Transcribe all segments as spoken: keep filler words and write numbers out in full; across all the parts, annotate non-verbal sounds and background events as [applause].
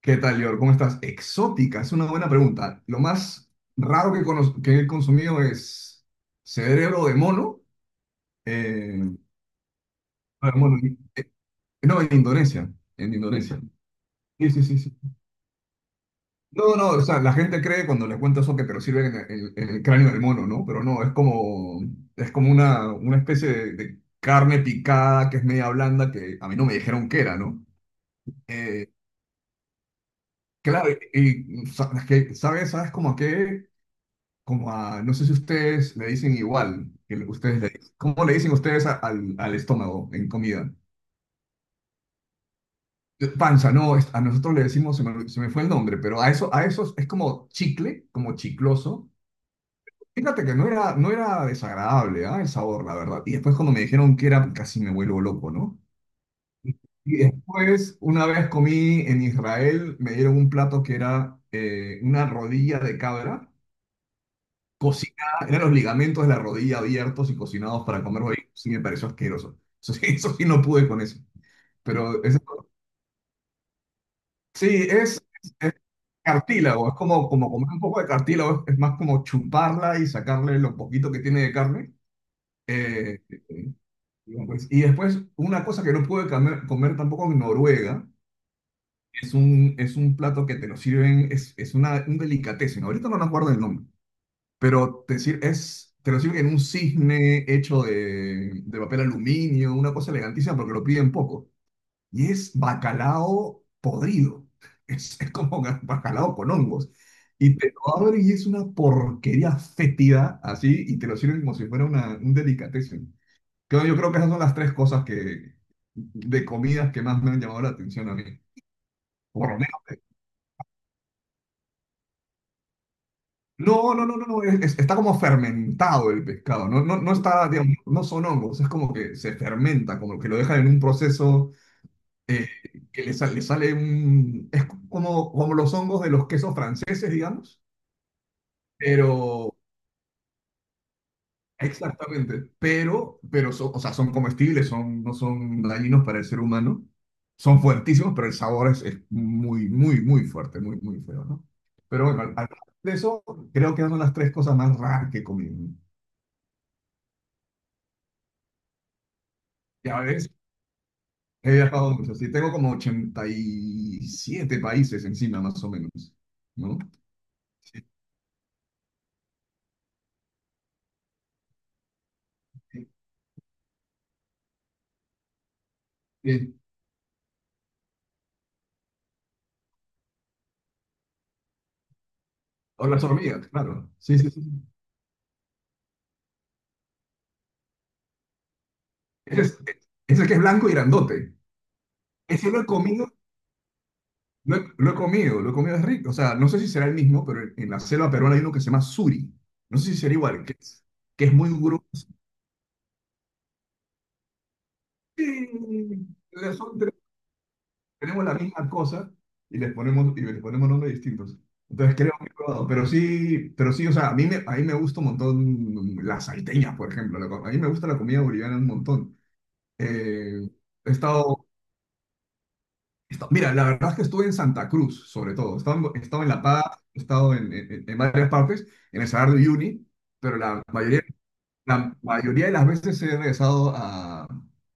¿Qué tal, Lior? ¿Cómo estás? Exótica, es una buena pregunta. Lo más raro que, cono- que he consumido es cerebro de mono. eh, no, de mono, eh, no, en Indonesia. En Indonesia. Sí, sí, sí, sí. No, no, o sea, la gente cree cuando les cuento eso que te lo sirven en el, en el, cráneo del mono, ¿no? Pero no, es como, es como, una, una especie de, de carne picada que es media blanda que a mí no me dijeron qué era, ¿no? Eh, claro, y, y sa- es que, ¿sabes? ¿Sabes cómo a qué? Como a, no sé si ustedes le dicen igual, que le- ustedes le dicen, ¿cómo le dicen ustedes a- al, al, estómago en comida? Eh, Panza, no, es- a nosotros le decimos, se me, se me, fue el nombre, pero a eso, a eso es como chicle, como chicloso. Fíjate que no era, no era desagradable, ¿ah? El sabor, la verdad. Y después cuando me dijeron que era, casi me vuelvo loco, ¿no? Y después, una vez comí en Israel, me dieron un plato que era eh, una rodilla de cabra cocinada. Eran los ligamentos de la rodilla abiertos y cocinados para comer hoy, sí me pareció asqueroso. Eso sí, [laughs] eso sí no pude con eso. Pero es- sí, es cartílago, es como, como, comer un poco de cartílago. Es, es más como chuparla y sacarle lo poquito que tiene de carne. Eh, eh, y pues- y después, una cosa que no pude comer, comer, tampoco en Noruega, es un, es un plato que te lo sirven. Es, es, una, un delicatessen, ahorita no me acuerdo el nombre. Pero te sir- es, te lo sirven en un cisne hecho de, de, papel aluminio, una cosa elegantísima porque lo piden poco. Y es bacalao podrido. [laughs] Es, es como ga- bacalao con hongos. Y te lo abren y es una porquería fétida así y te lo sirven como si fuera una, un delicatessen. Creo- Yo creo que esas son las tres cosas que, de comidas que más me han llamado la atención a mí. Por lo No, no, no, no, no, es- es- está como fermentado el pescado. No, no, no está, Mm. digamos, no son hongos, es como que se fermenta, como que lo dejan en un proceso eh, que le, sa- le sale un, es como, como, los hongos de los quesos franceses, digamos, pero, exactamente, pero, pero son, o sea, son comestibles, son, no son dañinos para el ser humano, son fuertísimos, pero el sabor es, es muy, muy, muy fuerte, muy, muy feo, ¿no? Pero bueno, al- al- de eso creo que son las tres cosas más raras que he comido, ¿no? Ya, he viajado mucho, sí, tengo como ochenta y siete países encima, más o menos, ¿no? Sí. Sí. Sí. O las hormigas, claro. Sí, sí, sí. Ese es, Ese que es blanco y grandote. Ese lo he comido, lo he, lo he comido, lo he comido, es rico. O sea, no sé si será el mismo, pero en, en, la selva peruana hay uno que se llama suri. No sé si será igual, que es, que es, muy grueso. Sí, tenemos la misma cosa y les ponemos, y les ponemos nombres distintos. Entonces creo que he probado, pero sí, pero sí, o sea, a mí me, a mí me gusta un montón las salteñas, por ejemplo. La co- a mí me gusta la comida boliviana un montón. Eh, He estado, he estado- mira, la verdad es que estuve en Santa Cruz, sobre todo. He estado, en he estado en La Paz, he estado en, en- en varias partes, en el Salar de Uyuni, pero la mayoría la mayoría de las veces he regresado a,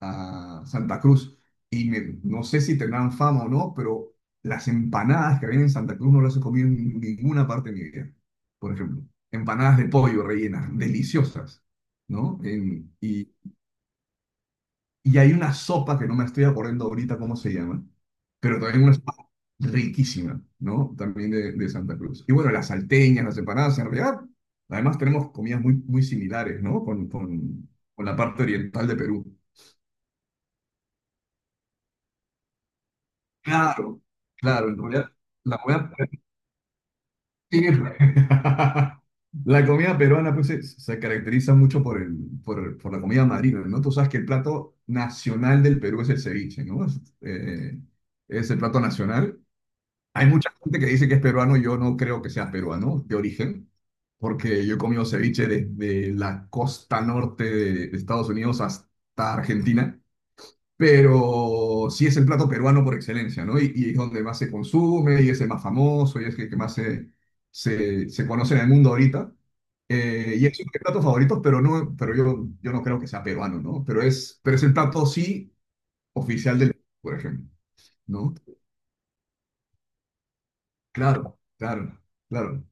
a Santa Cruz. Y me- no sé si tendrán fama o no, pero las empanadas que había en Santa Cruz no las he comido en ninguna parte de mi vida. Por ejemplo, empanadas de pollo rellenas, deliciosas, ¿no? En- y hay una sopa que no me estoy acordando ahorita cómo se llama, pero también una sopa riquísima, ¿no? También de, de, Santa Cruz. Y bueno, las salteñas, las empanadas, en realidad, además tenemos comidas muy, muy similares, ¿no? Con, con, con, la parte oriental de Perú. Claro, claro, en realidad, la comida, sí, [laughs] la comida peruana pues, se, se caracteriza mucho por, el, por, el- por la comida marina, ¿no? Tú sabes que el plato nacional del Perú es el ceviche, ¿no? Es, eh, es el plato nacional. Hay mucha gente que dice que es peruano, yo no creo que sea peruano de origen, porque yo he comido ceviche desde la costa norte de de Estados Unidos hasta Argentina, pero sí es el plato peruano por excelencia, ¿no? Y, y, es donde más se consume, y es el más famoso, y es el que más se, se, se conoce en el mundo ahorita. Eh, y es uno de mis platos favoritos, pero, no, pero yo, yo, no creo que sea peruano, ¿no? Pero es, pero es el plato sí oficial del, por ejemplo, ¿no? Claro, claro, claro.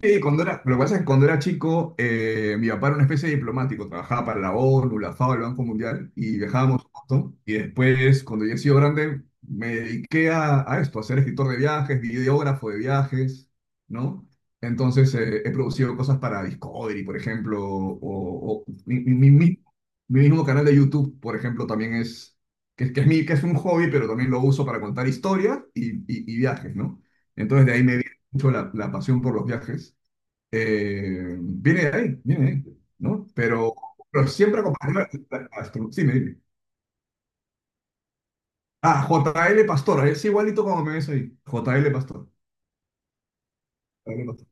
Sí, cuando era, lo que pasa es que cuando era chico, eh, mi papá era una especie de diplomático, trabajaba para la ONU, la FAO, el Banco Mundial, y viajábamos un montón. Y después, cuando yo he sido grande, me dediqué a, a, esto, a ser escritor de viajes, videógrafo de viajes, ¿no? Entonces, eh, he producido cosas para Discovery, por ejemplo, o, o mi, mi- mi- mi- mi mismo canal de YouTube, por ejemplo, también es, que, que, es mi, que es un hobby, pero también lo uso para contar historias y, y- y viajes, ¿no? Entonces, de ahí me viene mucho la la pasión por los viajes. Eh, viene de ahí, viene de ahí, ¿no? Pero, pero siempre acompañado a- a- a- sí, me dime. Ah, J L Pastor, es igualito como me ves ahí. J L Pastor. J L Pastor.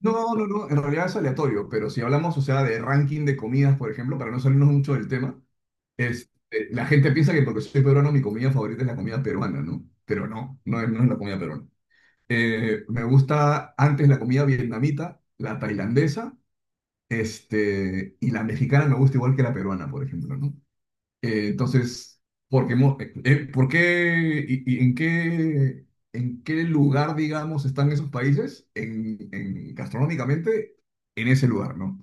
No, no, no, en realidad es aleatorio, pero si hablamos, o sea, de ranking de comidas, por ejemplo, para no salirnos mucho del tema, es, eh, la gente piensa que porque soy peruano mi comida favorita es la comida peruana, ¿no? Pero no, no es, no es, la comida peruana. Eh, me gusta antes la comida vietnamita, la tailandesa. Este, y la mexicana me gusta igual que la peruana, por ejemplo, ¿no? Eh, entonces, ¿por qué, mo- eh, eh, por qué y, y, en qué, en qué lugar, digamos, están esos países? En, en- gastronómicamente, en ese lugar, ¿no?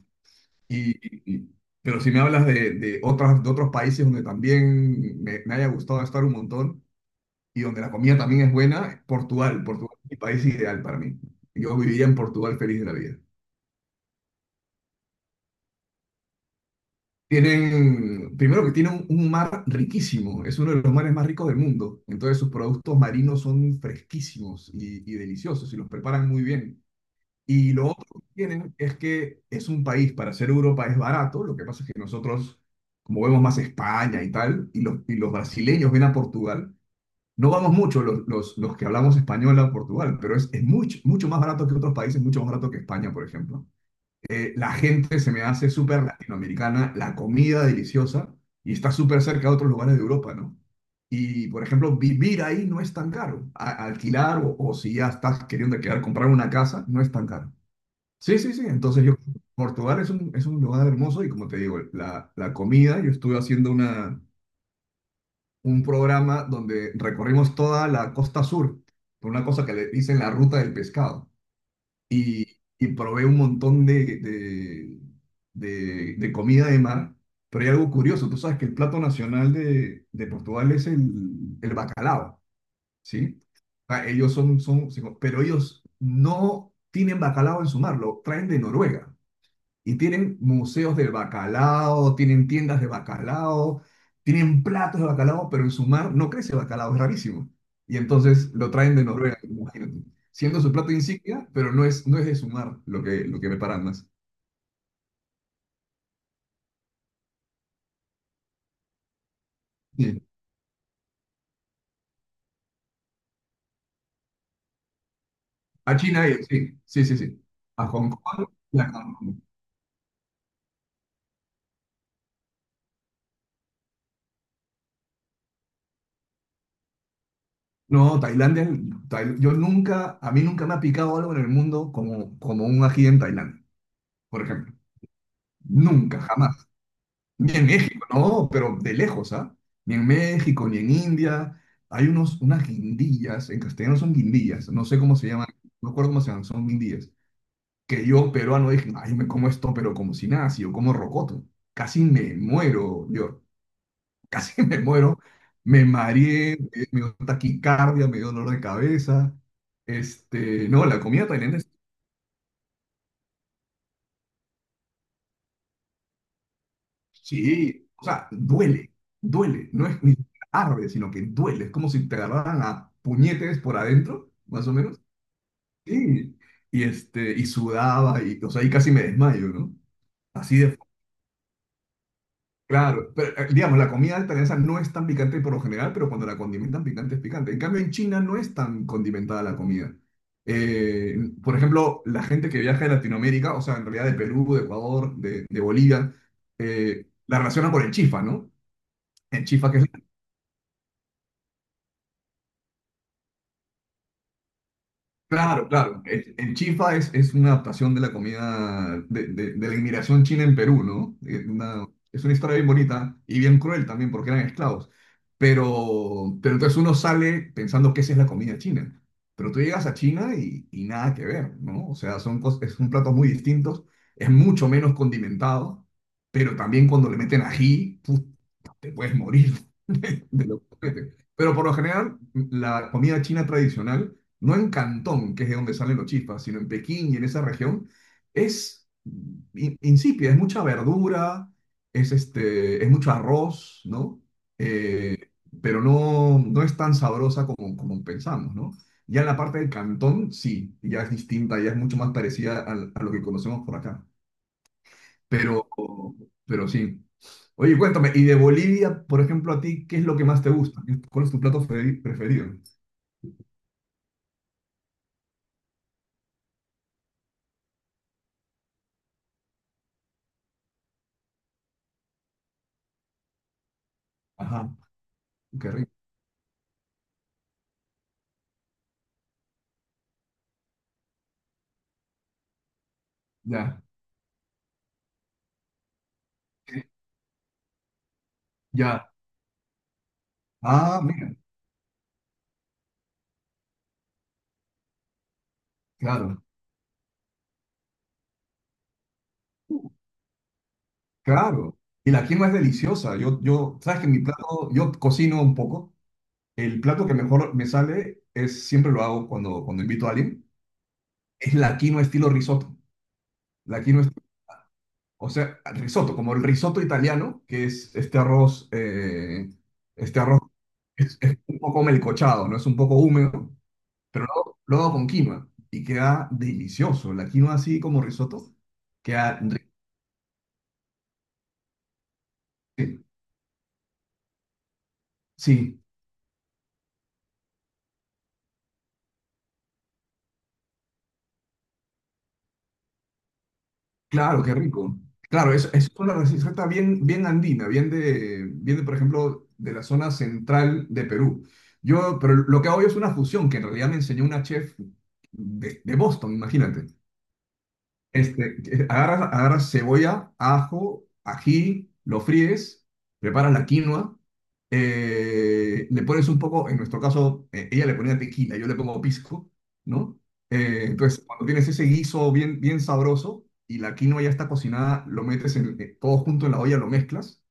Y, y- y- pero si me hablas de, de, otras, de otros países donde también me, me haya gustado estar un montón y donde la comida también es buena, Portugal, Portugal es mi país ideal para mí. Yo viviría en Portugal feliz de la vida. Tienen, primero que tienen un, un, mar riquísimo. Es uno de los mares más ricos del mundo. Entonces sus productos marinos son fresquísimos y, y deliciosos y los preparan muy bien. Y lo otro que tienen es que es un país, para ser Europa es barato. Lo que pasa es que nosotros, como vemos más España y tal, y los, y los, brasileños ven a Portugal, no vamos mucho los, los, los, que hablamos español a Portugal. Pero es, es mucho, mucho más barato que otros países, mucho más barato que España, por ejemplo. Eh, la gente se me hace súper latinoamericana, la comida deliciosa y está súper cerca de otros lugares de Europa, ¿no? Y, por ejemplo, vivir ahí no es tan caro. A- alquilar o, o, si ya estás queriendo quedar, comprar una casa, no es tan caro. Sí, sí, sí. Entonces yo, Portugal es un, es un, lugar hermoso. Y como te digo, la, la, comida, yo estuve haciendo una, un programa donde recorrimos toda la costa sur, por una cosa que le dicen la ruta del pescado. Y, y, probé un montón de, de, de- de comida de mar. Pero hay algo curioso, tú sabes que el plato nacional de, de, Portugal es el, el bacalao, ¿sí? Ah, ellos son, son, se co- pero ellos no tienen bacalao en su mar, lo traen de Noruega. Y tienen museos del bacalao, tienen tiendas de bacalao, tienen platos de bacalao, pero en su mar no crece bacalao, es rarísimo. Y entonces lo traen de Noruega, imagínate. Siendo su plato insignia, pero no es, no es, de su mar lo que, lo que preparan más. Sí. A China, y- sí, sí, sí, sí. A Hong Kong y a Cancún. No, Tailandia, Tail- yo nunca, a mí nunca me ha picado algo en el mundo como, como, un ají en Tailandia, por ejemplo. Nunca, jamás. Ni en México, no, pero de lejos, ¿ah? Ni en México, ni en India. Hay unos, unas guindillas, en castellano son guindillas, no sé cómo se llaman, no recuerdo cómo se llaman, son guindillas. Que yo, peruano, dije, ay, me como esto, pero como si nada, si yo como rocoto. Casi me muero, yo, casi [laughs] me muero. Me mareé, me me dio taquicardia, me dio dolor de cabeza. Este, no, la comida tailandesa. Sí, o sea, duele, duele. No es ni siquiera arde, sino que duele. Es como si te agarraran a puñetes por adentro, más o menos. Sí. Y, este, y sudaba, y, o sea, y casi me desmayo, ¿no? Así de... Claro, pero eh, digamos, la comida altanesa no es tan picante por lo general, pero cuando la condimentan picante es picante. En cambio, en China no es tan condimentada la comida. Eh, por ejemplo, la gente que viaja de Latinoamérica, o sea, en realidad de Perú, de Ecuador, de, de Bolivia, eh, la relacionan con el chifa, ¿no? El chifa que es... Claro, claro. El, el chifa es, es una adaptación de la comida de, de- de la inmigración china en Perú, ¿no? Eh, una- es una historia bien bonita y bien cruel también porque eran esclavos. Pero, pero entonces uno sale pensando que esa es la comida china. Pero tú llegas a China y, y nada que ver, ¿no? O sea, son, cos- son platos muy distintos, es mucho menos condimentado, pero también cuando le meten ají, pu- te puedes morir. [laughs] de lo que meten. Pero por lo general, la comida china tradicional, no en Cantón, que es de donde salen los chifas, sino en Pekín y en esa región, es in- insípida, es mucha verdura, es, este, es mucho arroz, ¿no? Eh, pero no, no es tan sabrosa como, como pensamos, ¿no? Ya en la parte del Cantón, sí, ya es distinta, ya es mucho más parecida al- a lo que conocemos por acá. Pero, pero sí. Oye, cuéntame, y de Bolivia, por ejemplo, a ti, ¿qué es lo que más te gusta? ¿Qué- Cuál es tu plato fe- preferido? Ajá, qué rico. Ya, ya. Ah, mira, claro. Uh, claro. Y la quinoa es deliciosa. Yo, yo, sabes que mi plato, yo cocino un poco. El plato que mejor me sale es, siempre lo hago cuando, cuando invito a alguien, es la quinoa estilo risotto. La quinoa... O sea, risotto, como el risotto italiano, que es este arroz, eh, este arroz es, es un poco melcochado, ¿no? Es un poco húmedo, pero luego, luego con quinoa y queda delicioso. La quinoa así como risotto, queda ri-. Sí, sí, claro, qué rico. Claro, es, es una receta bien, bien andina, bien de, bien de, por ejemplo, de la zona central de Perú. Yo, pero lo que hago yo es una fusión que en realidad me enseñó una chef de, de Boston, imagínate. Este, que- agarras, agarras cebolla, ajo, ají, lo fríes, preparas la quinoa, eh, le pones un poco, en nuestro caso, eh, ella le ponía tequila, yo le pongo pisco, ¿no? Eh, entonces, cuando tienes ese guiso bien, bien sabroso y la quinoa ya está cocinada, lo metes en, eh, todo junto en la olla, lo mezclas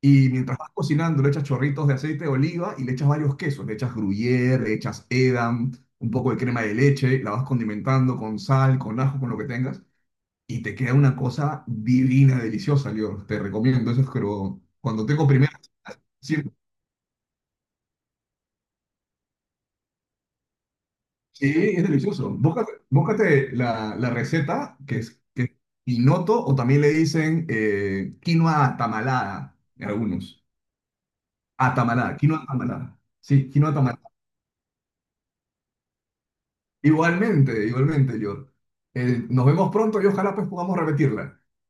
y mientras vas cocinando le echas chorritos de aceite de oliva y le echas varios quesos, le echas gruyere, le echas edam, un poco de crema de leche, la vas condimentando con sal, con ajo, con lo que tengas y te queda una cosa divina, deliciosa, yo te recomiendo eso, es pero cuando tengo primero, sí, sí, es delicioso. Búscate, búscate la, la receta, que es, que es pinoto, o también le dicen eh, quinoa atamalada, algunos. Atamalada, quinoa atamalada. Sí, quinoa atamalada. Igualmente, igualmente, yo... Eh, nos vemos pronto y ojalá pues podamos repetirla.